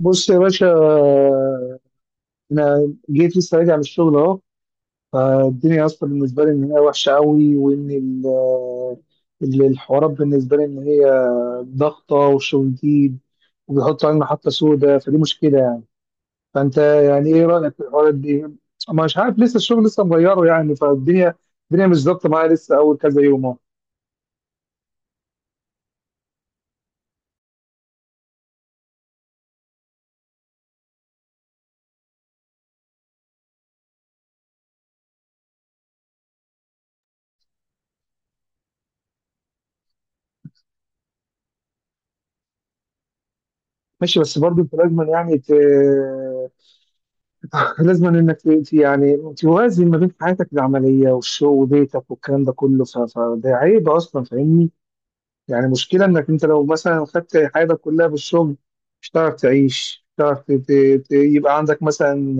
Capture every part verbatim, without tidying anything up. بص يا باشا، انا جيت لسه راجع من الشغل اهو. فالدنيا اصلا بالنسبه لي ان هي وحشه قوي، وان ال- ال- الحوارات بالنسبه لي ان هي ضغطه وشغل جديد، وبيحطوا علينا محطه سوداء، فدي مشكله يعني. فانت يعني ايه رايك في الحوارات دي؟ ما مش عارف، لسه الشغل لسه مغيره يعني فالدنيا. الدنيا مش ظابطه معايا لسه اول كذا يوم اهو. ماشي، بس برضه انت لازم يعني ت- لازم انك ت- يعني توازن ما بين حياتك العمليه والشغل وبيتك والكلام ده كله، ف- فده عيب اصلا فاهمني. يعني مشكله انك انت لو مثلا خدت حياتك كلها في الشغل، مش هتعرف تعيش، مش هتعرف ت- ت- ت- يبقى عندك مثلا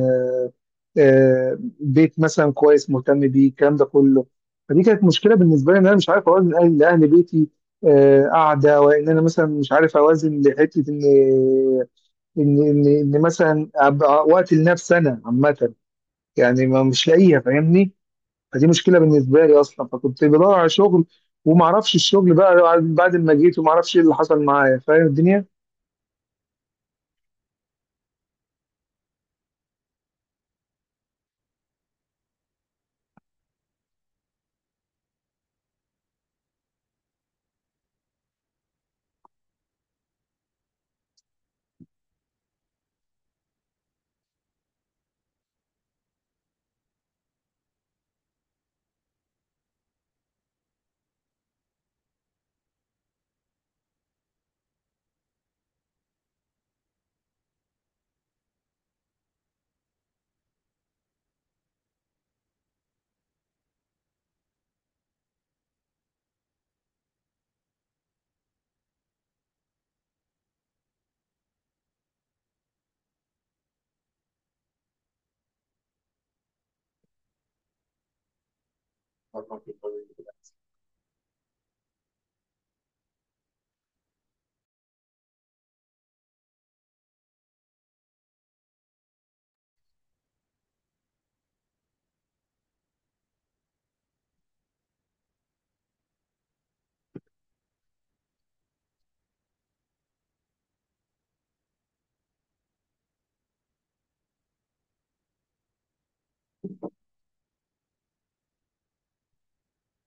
آه، بيت مثلا كويس مهتم بيه الكلام ده كله. فدي كانت مشكله بالنسبه لي ان انا مش عارف اوازن اهل لاهل بيتي، آه، قاعده، وان انا مثلا مش عارف اوازن لحته ان ان ان إن مثلا أبقى وقت لنفسي انا عامه، يعني ما مش لاقيها فاهمني. فدي مشكله بالنسبه لي اصلا، فكنت بدور على شغل، وما اعرفش الشغل بقى بعد ما جيت، وما اعرفش ايه اللي حصل معايا فاهم الدنيا.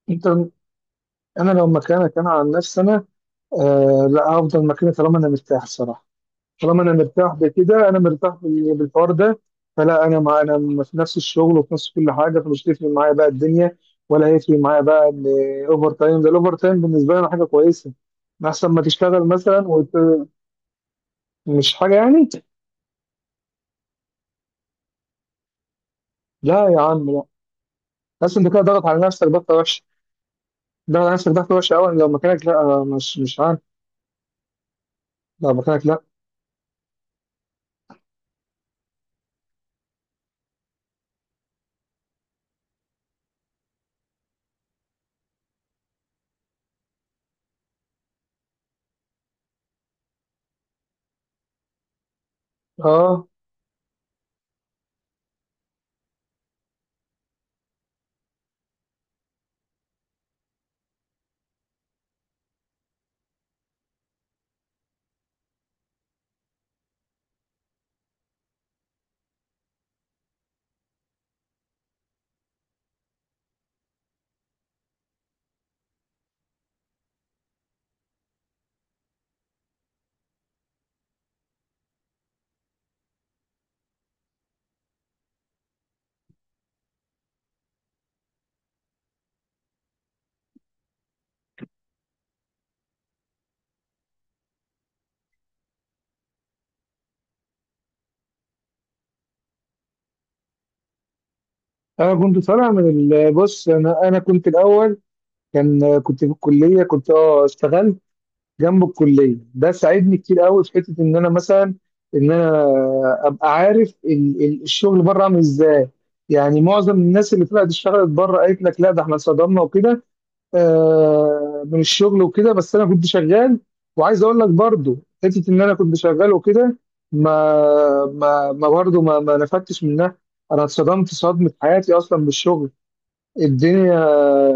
انت، انا لو مكانك، انا عن نفسي انا، آه لا هفضل مكاني طالما انا مرتاح الصراحه. طالما انا مرتاح بكده، انا مرتاح بال- بالحوار ده. فلا، انا مع انا في نفس الشغل وفي نفس كل حاجه، فمش هتفرق معايا بقى الدنيا، ولا هيفرق معايا بقى الاوفر تايم ده. الاوفر تايم بالنسبه لي أنا حاجه كويسه، احسن ما تشتغل مثلا وت- مش حاجه يعني. لا يا عم لا، بس انت كده ضغط على نفسك ضغطه وحشه. ضغط على نفسك ضغطه وحشه قوي، لو مكانك لا، مش مش عارف. لو مكانك لا. اه. انا كنت طالع من ال- بص انا انا كنت الاول، كان كنت في الكليه، كنت اه اشتغلت جنب الكليه، ده ساعدني كتير قوي في حته ان انا مثلا، ان انا ابقى عارف ال- ال- الشغل بره عامل ازاي. يعني معظم الناس اللي طلعت اشتغلت بره قالت لك لا، ده احنا اتصدمنا وكده آه، من الشغل وكده، بس انا كنت شغال. وعايز اقول لك برضو، حته ان انا كنت شغال وكده، ما ما ما برضو ما ما نفدتش منها. انا اتصدمت صدمه حياتي اصلا بالشغل. الدنيا،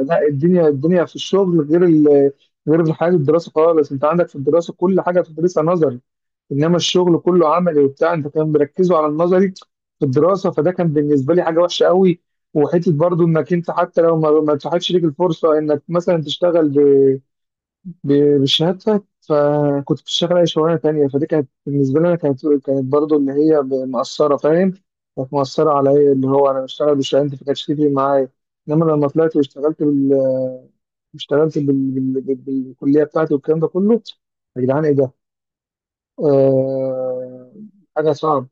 لا الدنيا، الدنيا في الشغل غير ال... غير في حياه الدراسه خالص. انت عندك في الدراسه كل حاجه بتدرسها نظري، انما الشغل كله عملي وبتاع. انت كان بيركزوا على النظري في الدراسه، فده كان بالنسبه لي حاجه وحشه قوي. وحته برضو انك انت حتى لو ما ما اتاحتش ليك الفرصه انك مثلا تشتغل ب- ب- بشهادتك، فكنت بتشتغل اي شغلانه تانيه، فدي كانت بالنسبه لي انا، كانت كانت برضو اللي هي ب- مأثره فاهم. كانت مأثره على ايه اللي هو انا بشتغل بشهادتي، فكانتش تفرق معايا. انما لما طلعت واشتغلت بال... اشتغلت بال... بال... بال... بالكليه بتاعتي والكلام ده كله، يا جدعان ايه ده؟ آه... حاجه صعبه.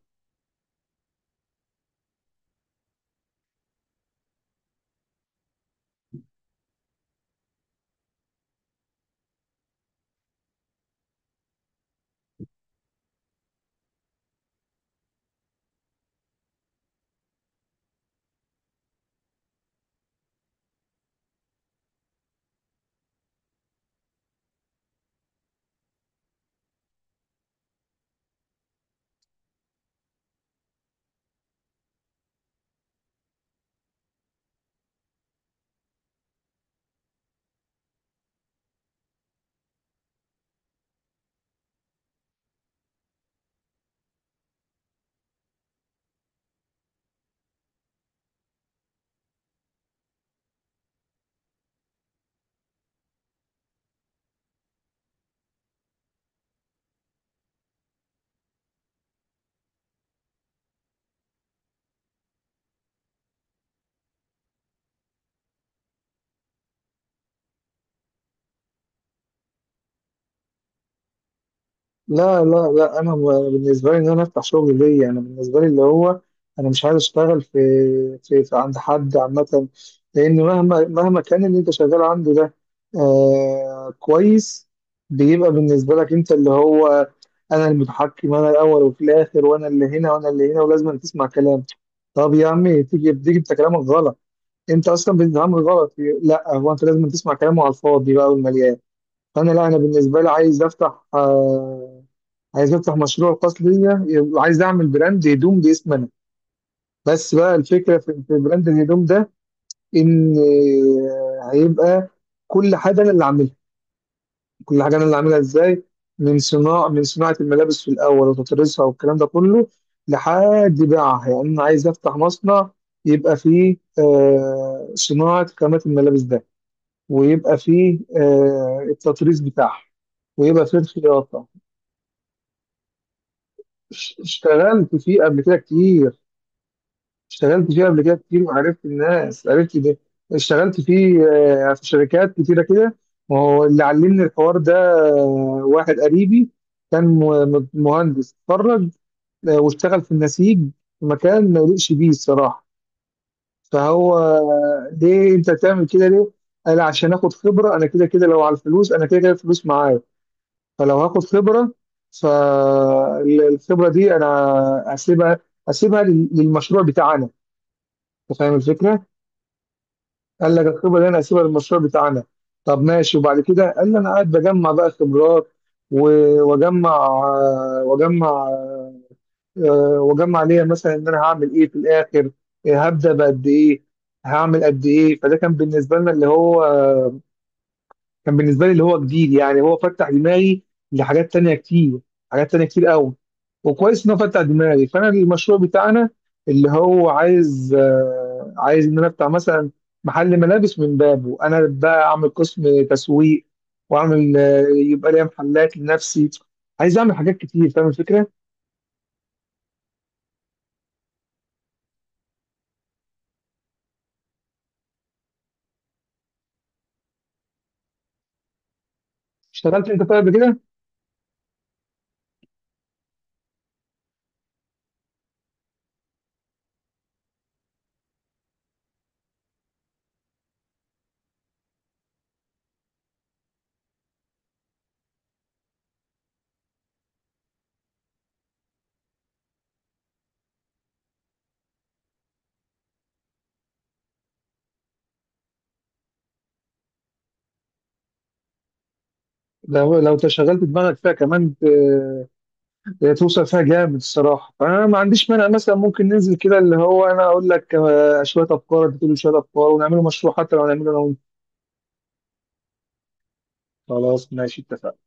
لا لا لا انا م- بالنسبه لي ان انا افتح شغل ليا، انا بالنسبه لي اللي هو، انا مش عايز اشتغل في في, في عند حد عامه. لان مهما مهما كان اللي انت شغال عنده ده، آه كويس، بيبقى بالنسبه لك انت اللي هو، انا المتحكم انا الاول وفي الاخر، وانا اللي هنا وانا اللي هنا، ولازم أن تسمع كلام. طب يا عمي، تيجي تيجي انت كلامك غلط، انت اصلا بتتعامل غلط. لا، هو انت لازم تسمع كلامه على الفاضي بقى والمليان. فانا لا انا بالنسبه لي عايز افتح آه، عايز افتح مشروع خاص ليا، وعايز اعمل براند هدوم باسم انا. بس بقى الفكره في في براند الهدوم ده، ان آه، هيبقى كل حاجه انا اللي عاملها. كل حاجه انا اللي عاملها ازاي، من صناعه من صناعه الملابس في الاول وتطريزها والكلام ده كله لحد بيعها. يعني انا عايز افتح مصنع، يبقى فيه آه، صناعه خامات الملابس ده، ويبقى فيه آه، التطريز بتاعها، ويبقى فيه الخياطه. اشتغلت فيه قبل كده كتير. اشتغلت فيه قبل كده كتير، وعرفت الناس، عرفت ده. اشتغلت فيه آه، في شركات كتيرة كده، وهو اللي علمني الحوار ده. آه، واحد قريبي كان م- مهندس اتخرج، آه، واشتغل في النسيج في مكان ما يليقش بيه الصراحة. فهو آه، ليه انت تعمل كده ليه؟ قال عشان اخد خبرة، انا كده كده لو على الفلوس انا كده كده الفلوس معايا، فلو هاخد خبرة، فالخبرة دي انا هسيبها هسيبها لل- للمشروع بتاعنا. انت فاهم الفكرة؟ قال لك الخبره اللي انا هسيبها للمشروع بتاعنا. طب ماشي. وبعد كده قال لي انا قاعد بجمع بقى خبرات، و- واجمع آه، واجمع آه، واجمع ليا مثلا ان انا هعمل ايه في الاخر، آه، هبدا بقد ايه، هعمل قد ايه. فده كان بالنسبه لنا اللي هو، كان بالنسبه لي اللي هو جديد، يعني هو فتح دماغي لحاجات تانية كتير، حاجات تانية كتير قوي. وكويس ان هو فتح دماغي، فانا المشروع بتاعنا اللي هو عايز آه، عايز ان انا افتح مثلا محل ملابس، من بابه انا بقى اعمل قسم تسويق، واعمل آه، يبقى ليا محلات لنفسي. عايز اعمل حاجات كتير فاهم الفكره. اشتغلت انت طيب قبل كده؟ لو لو تشغلت دماغك فيها كمان، آه، هي توصل فيها جامد الصراحه. فانا ما عنديش مانع، مثلا ممكن ننزل كده اللي هو، انا اقول لك آه، شويه افكار، انت تقول لي شويه افكار، ونعمله مشروع، حتى لو هنعمله انا وانت. خلاص ماشي اتفقنا.